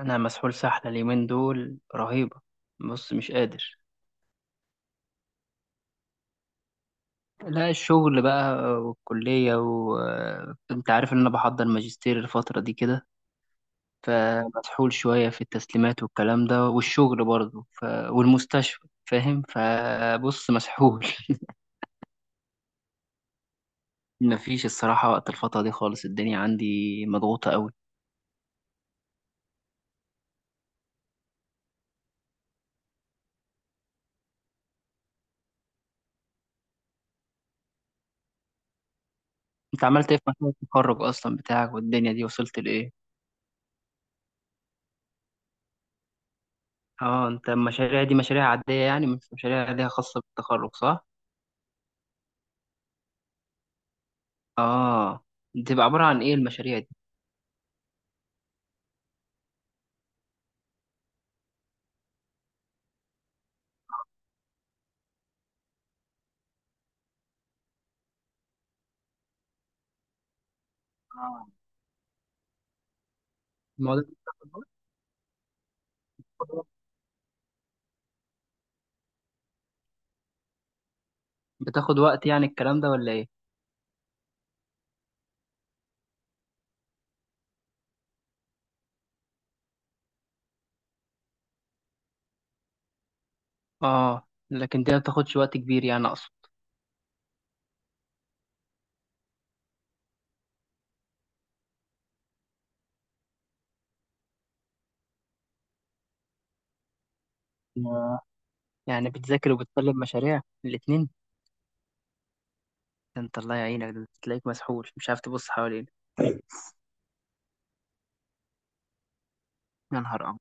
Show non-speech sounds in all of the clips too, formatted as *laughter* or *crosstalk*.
انا مسحول سحله اليومين دول رهيبه. بص، مش قادر. لا، الشغل بقى والكليه، وانت عارف ان انا بحضر ماجستير الفتره دي كده. فمسحول شويه في التسليمات والكلام ده والشغل برضه والمستشفى، فاهم؟ فبص، مسحول *laughs* مفيش الصراحه وقت الفتره دي خالص، الدنيا عندي مضغوطه قوي. انت عملت ايه في مشروع التخرج اصلا بتاعك؟ والدنيا دي وصلت لايه؟ اه انت المشاريع دي مشاريع عاديه، يعني مش مشاريع عاديه خاصه بالتخرج، صح؟ اه، بتبقى عبارة عن ايه المشاريع دي؟ آه. الموضوع بتاخد وقت يعني الكلام ده ولا ايه؟ اه لكن دي ما بتاخدش وقت كبير، يعني اقصد يا- يعني بتذاكر وبتسلم مشاريع الاتنين؟ ده انت الله يعينك، ده تلاقيك مسحول مش عارف تبص حواليك. يا نهار أبيض!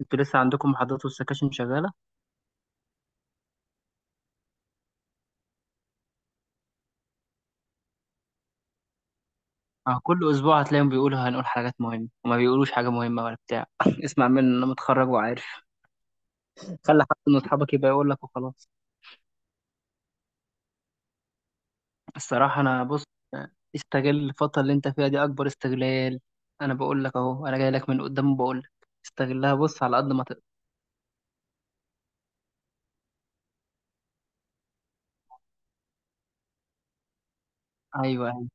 انتوا لسه عندكم محاضرات والسكاشن شغالة؟ اه، كل أسبوع هتلاقيهم بيقولوا هنقول حاجات مهمة وما بيقولوش حاجة مهمة ولا بتاع *laughs* اسمع مني أنا متخرج وعارف. خلي حد من أصحابك يبقى يقول لك وخلاص. الصراحة أنا، بص، استغل الفترة اللي أنت فيها دي أكبر استغلال. أنا بقول لك أهو، أنا جاي لك من قدام وبقول لك استغلها، بص على قد ما تقدر. أيوه أيوه،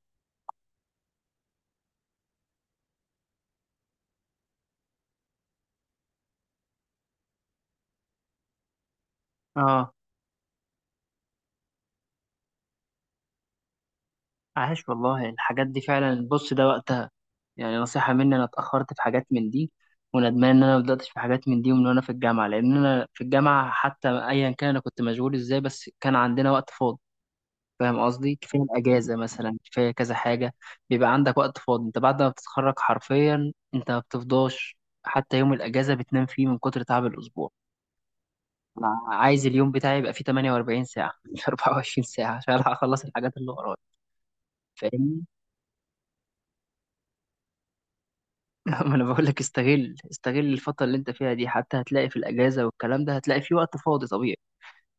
أه. عاش والله، الحاجات دي فعلا بص ده وقتها. يعني نصيحة مني، أنا اتأخرت في حاجات من دي وندمان إن أنا ما بدأتش في حاجات من دي ومن وأنا في الجامعة، لأن أنا في الجامعة حتى أيا كان أنا كنت مشغول إزاي، بس كان عندنا وقت فاضي. فاهم قصدي؟ كفايه الاجازه مثلا، كفايه كذا حاجه. بيبقى عندك وقت فاضي. انت بعد ما بتتخرج حرفيا انت ما بتفضاش، حتى يوم الاجازه بتنام فيه من كتر تعب الاسبوع. انا عايز اليوم بتاعي يبقى فيه 48 ساعه مش *laughs* 24 ساعه عشان ألحق اخلص الحاجات اللي ورايا. فاهمني؟ *laughs* ما انا بقول لك، استغل استغل الفتره اللي انت فيها دي. حتى هتلاقي في الاجازه والكلام ده هتلاقي فيه وقت فاضي طبيعي.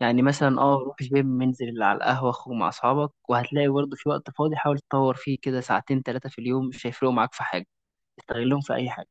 يعني مثلا، اه، روح جيم، انزل على القهوه، اخرج مع اصحابك، وهتلاقي برضه في وقت فاضي حاول تطور فيه كده. 2 أو 3 ساعات في اليوم مش هيفرقوا معاك في حاجه. استغلهم في اي حاجه.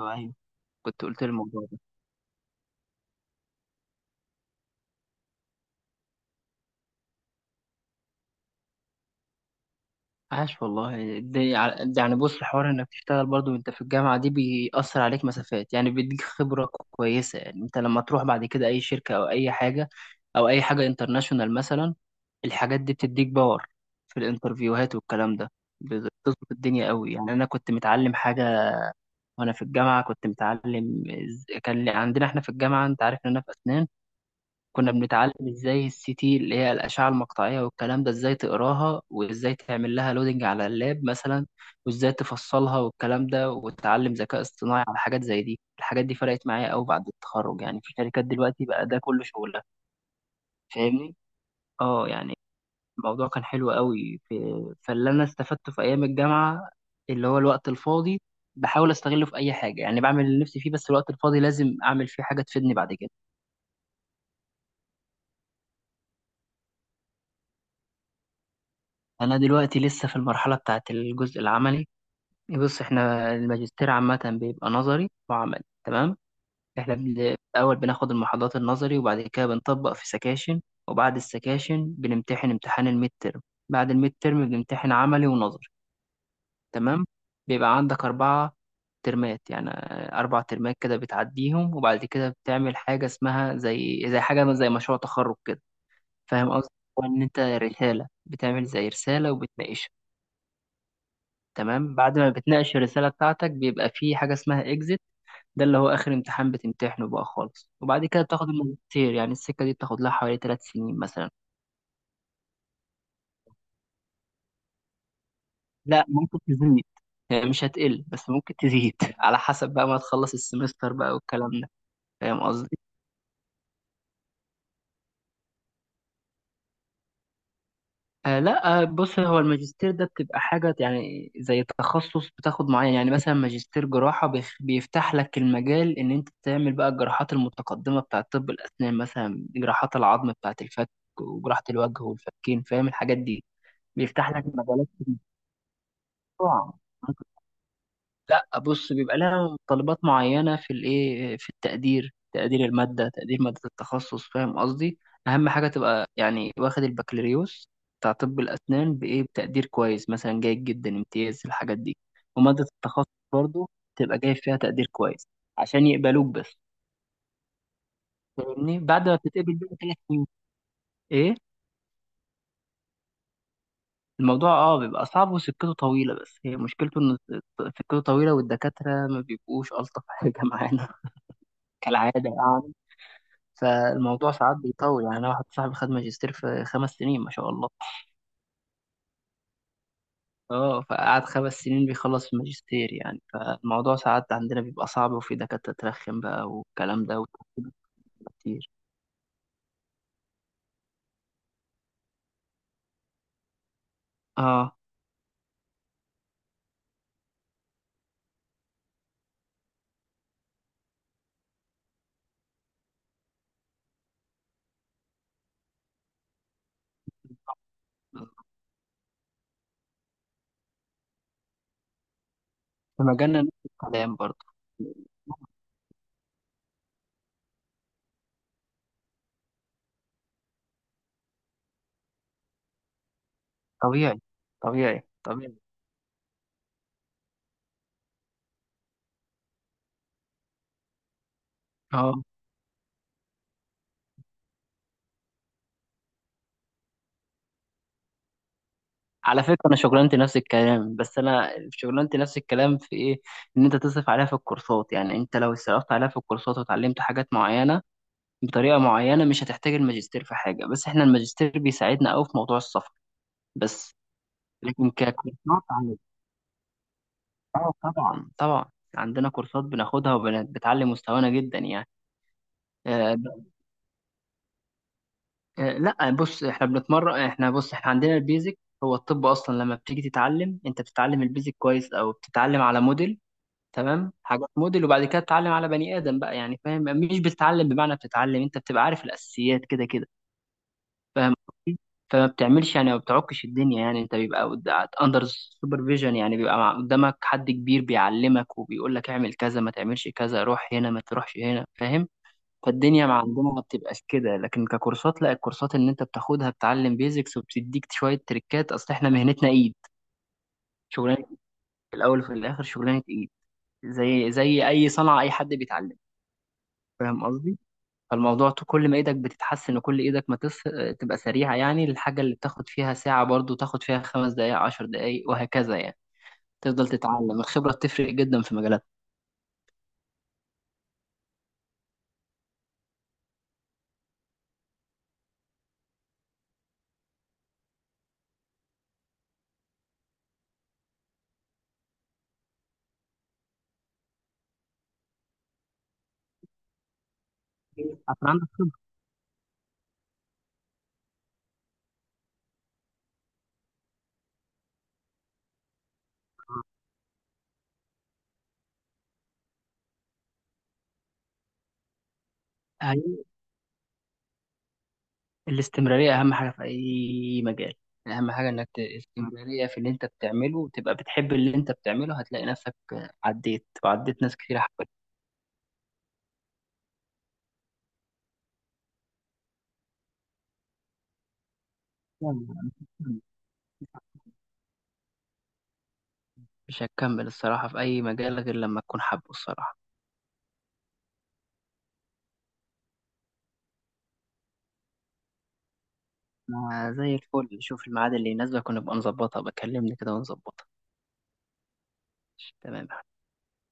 ايوه أيوه. كنت قلت لي الموضوع ده. عاش والله، دي، يعني بص، الحوار انك تشتغل برضو وانت في الجامعه دي بيأثر عليك مسافات، يعني بيديك خبره كويسه. يعني انت لما تروح بعد كده اي شركه او اي حاجه، او اي حاجه انترناشونال مثلا، الحاجات دي بتديك باور في الانترفيوهات والكلام ده، بتظبط الدنيا قوي. يعني انا كنت متعلم حاجه وانا في الجامعه، كنت متعلم عندنا احنا في الجامعه، انت عارف ان انا في اسنان، كنا بنتعلم ازاي السي تي اللي هي الأشعة المقطعية والكلام ده، ازاي تقراها وازاي تعمل لها لودنج على اللاب مثلا، وازاي تفصلها والكلام ده، وتتعلم ذكاء اصطناعي على حاجات زي دي. الحاجات دي فرقت معايا قوي بعد التخرج. يعني في شركات دلوقتي بقى ده كله شغلها. فاهمني؟ اه، يعني الموضوع كان حلو قوي في، فاللي انا استفدته في ايام الجامعة اللي هو الوقت الفاضي، بحاول استغله في اي حاجة. يعني بعمل اللي نفسي فيه، بس الوقت الفاضي لازم اعمل فيه حاجة تفيدني بعد كده. انا دلوقتي لسه في المرحلة بتاعت الجزء العملي. بص احنا الماجستير عامة بيبقى نظري وعملي، تمام؟ احنا الأول بناخد المحاضرات النظري، وبعد كده بنطبق في سكاشن، وبعد السكاشن بنمتحن امتحان الميد ترم، بعد الميد ترم بنمتحن عملي ونظري. تمام. بيبقى عندك 4 ترمات يعني، 4 ترمات كده بتعديهم، وبعد كده بتعمل حاجة اسمها زي زي حاجة زي مشروع تخرج كده. فاهم قصدي؟ هو إن أنت رسالة بتعمل زي رسالة وبتناقشها. تمام؟ بعد ما بتناقش الرسالة بتاعتك بيبقى في حاجة اسمها إكزيت، ده اللي هو آخر امتحان بتمتحنه بقى خالص، وبعد كده بتاخد الماجستير. يعني السكة دي بتاخد لها حوالي 3 سنين مثلا. لا ممكن تزيد، يعني مش هتقل بس ممكن تزيد *laughs* على حسب بقى ما تخلص السمستر بقى والكلام ده. فاهم قصدي؟ آه لا، بص هو الماجستير ده بتبقى حاجة يعني زي تخصص بتاخد معين. يعني مثلا ماجستير جراحة بيفتح لك المجال إن أنت تعمل بقى الجراحات المتقدمة بتاعة طب الأسنان مثلا، جراحات العظم بتاعة الفك وجراحة الوجه والفكين، فاهم الحاجات دي؟ بيفتح لك مجالات. طبعا. لا بص، بيبقى لها طلبات معينة في الايه، في التقدير، تقدير المادة، تقدير مادة التخصص، فاهم قصدي؟ أهم حاجة تبقى يعني واخد البكالوريوس بتاع طب الأسنان بإيه، بتقدير كويس مثلا، جيد جدا، امتياز، الحاجات دي. ومادة التخصص برضو تبقى جايب فيها تقدير كويس عشان يقبلوك بس. فاهمني؟ بعد ما بتتقبل بقى 3 سنين. إيه؟ الموضوع اه بيبقى صعب وسكته طويلة، بس هي مشكلته إن سكته طويلة، والدكاترة ما بيبقوش ألطف حاجة *laughs* معانا، كالعادة يعني. فالموضوع ساعات بيطول. يعني أنا واحد صاحبي خد ماجستير في 5 سنين، ما شاء الله. اه فقعد 5 سنين بيخلص الماجستير يعني. فالموضوع ساعات عندنا بيبقى صعب، وفي دكاترة ترخم بقى والكلام ده وتعقيد كتير. اه، في مجالنا نفس الكلام برضه. طبيعي طبيعي طبيعي. اه، على فكرة أنا شغلانتي نفس الكلام، بس أنا شغلانتي نفس الكلام في إيه؟ إن أنت تصرف عليها في الكورسات. يعني أنت لو صرفت عليها في الكورسات وتعلمت حاجات معينة بطريقه معينه، مش هتحتاج الماجستير في حاجه. بس احنا الماجستير بيساعدنا قوي في موضوع السفر بس. لكن ككورسات اه طبعا طبعا، عندنا كورسات بناخدها وبتعلي مستوانا جدا يعني. آه ب- آه لا بص، احنا بنتمرن، احنا بص احنا عندنا البيزك. هو الطب اصلا لما بتيجي تتعلم، انت بتتعلم البيزك كويس او بتتعلم على موديل. تمام؟ حاجات موديل، وبعد كده بتتعلم على بني ادم بقى، يعني فاهم؟ مش بتتعلم بمعنى بتتعلم، انت بتبقى عارف الاساسيات كده كده. فاهم قصدي؟ فما بتعملش يعني، ما بتعكش الدنيا يعني. انت بيبقى اندر سوبرفيجن، يعني بيبقى قدامك حد كبير بيعلمك وبيقول لك اعمل كذا، ما تعملش كذا، روح هنا، ما تروحش هنا، فاهم؟ فالدنيا مع عندنا ما بتبقاش كده. لكن ككورسات، لا، الكورسات اللي انت بتاخدها بتعلم بيزكس وبتديك شوية تريكات. اصل احنا مهنتنا ايد، شغلانة. في الاول وفي الاخر شغلانة ايد، زي زي اي صنعة اي حد بيتعلم، فاهم قصدي؟ فالموضوع كل ما ايدك بتتحسن، وكل ايدك ما تص... تبقى سريعة، يعني الحاجة اللي بتاخد فيها ساعة برضو تاخد فيها 5 دقايق، 10 دقايق، وهكذا يعني. تفضل تتعلم، الخبرة بتفرق جدا في مجالات. أصلاً عندك أهم- الاستمرارية أهم حاجة في أي مجال. أهم حاجة إنك استمرارية في اللي أنت بتعمله، وتبقى بتحب اللي أنت بتعمله، هتلاقي نفسك عديت وعديت ناس كتير حبت. مش هتكمل الصراحة في أي مجال غير لما تكون حابه الصراحة. ما زي الفل، شوف الميعاد اللي يناسبك ونبقى نظبطها، بكلمني كده ونظبطها. تمام.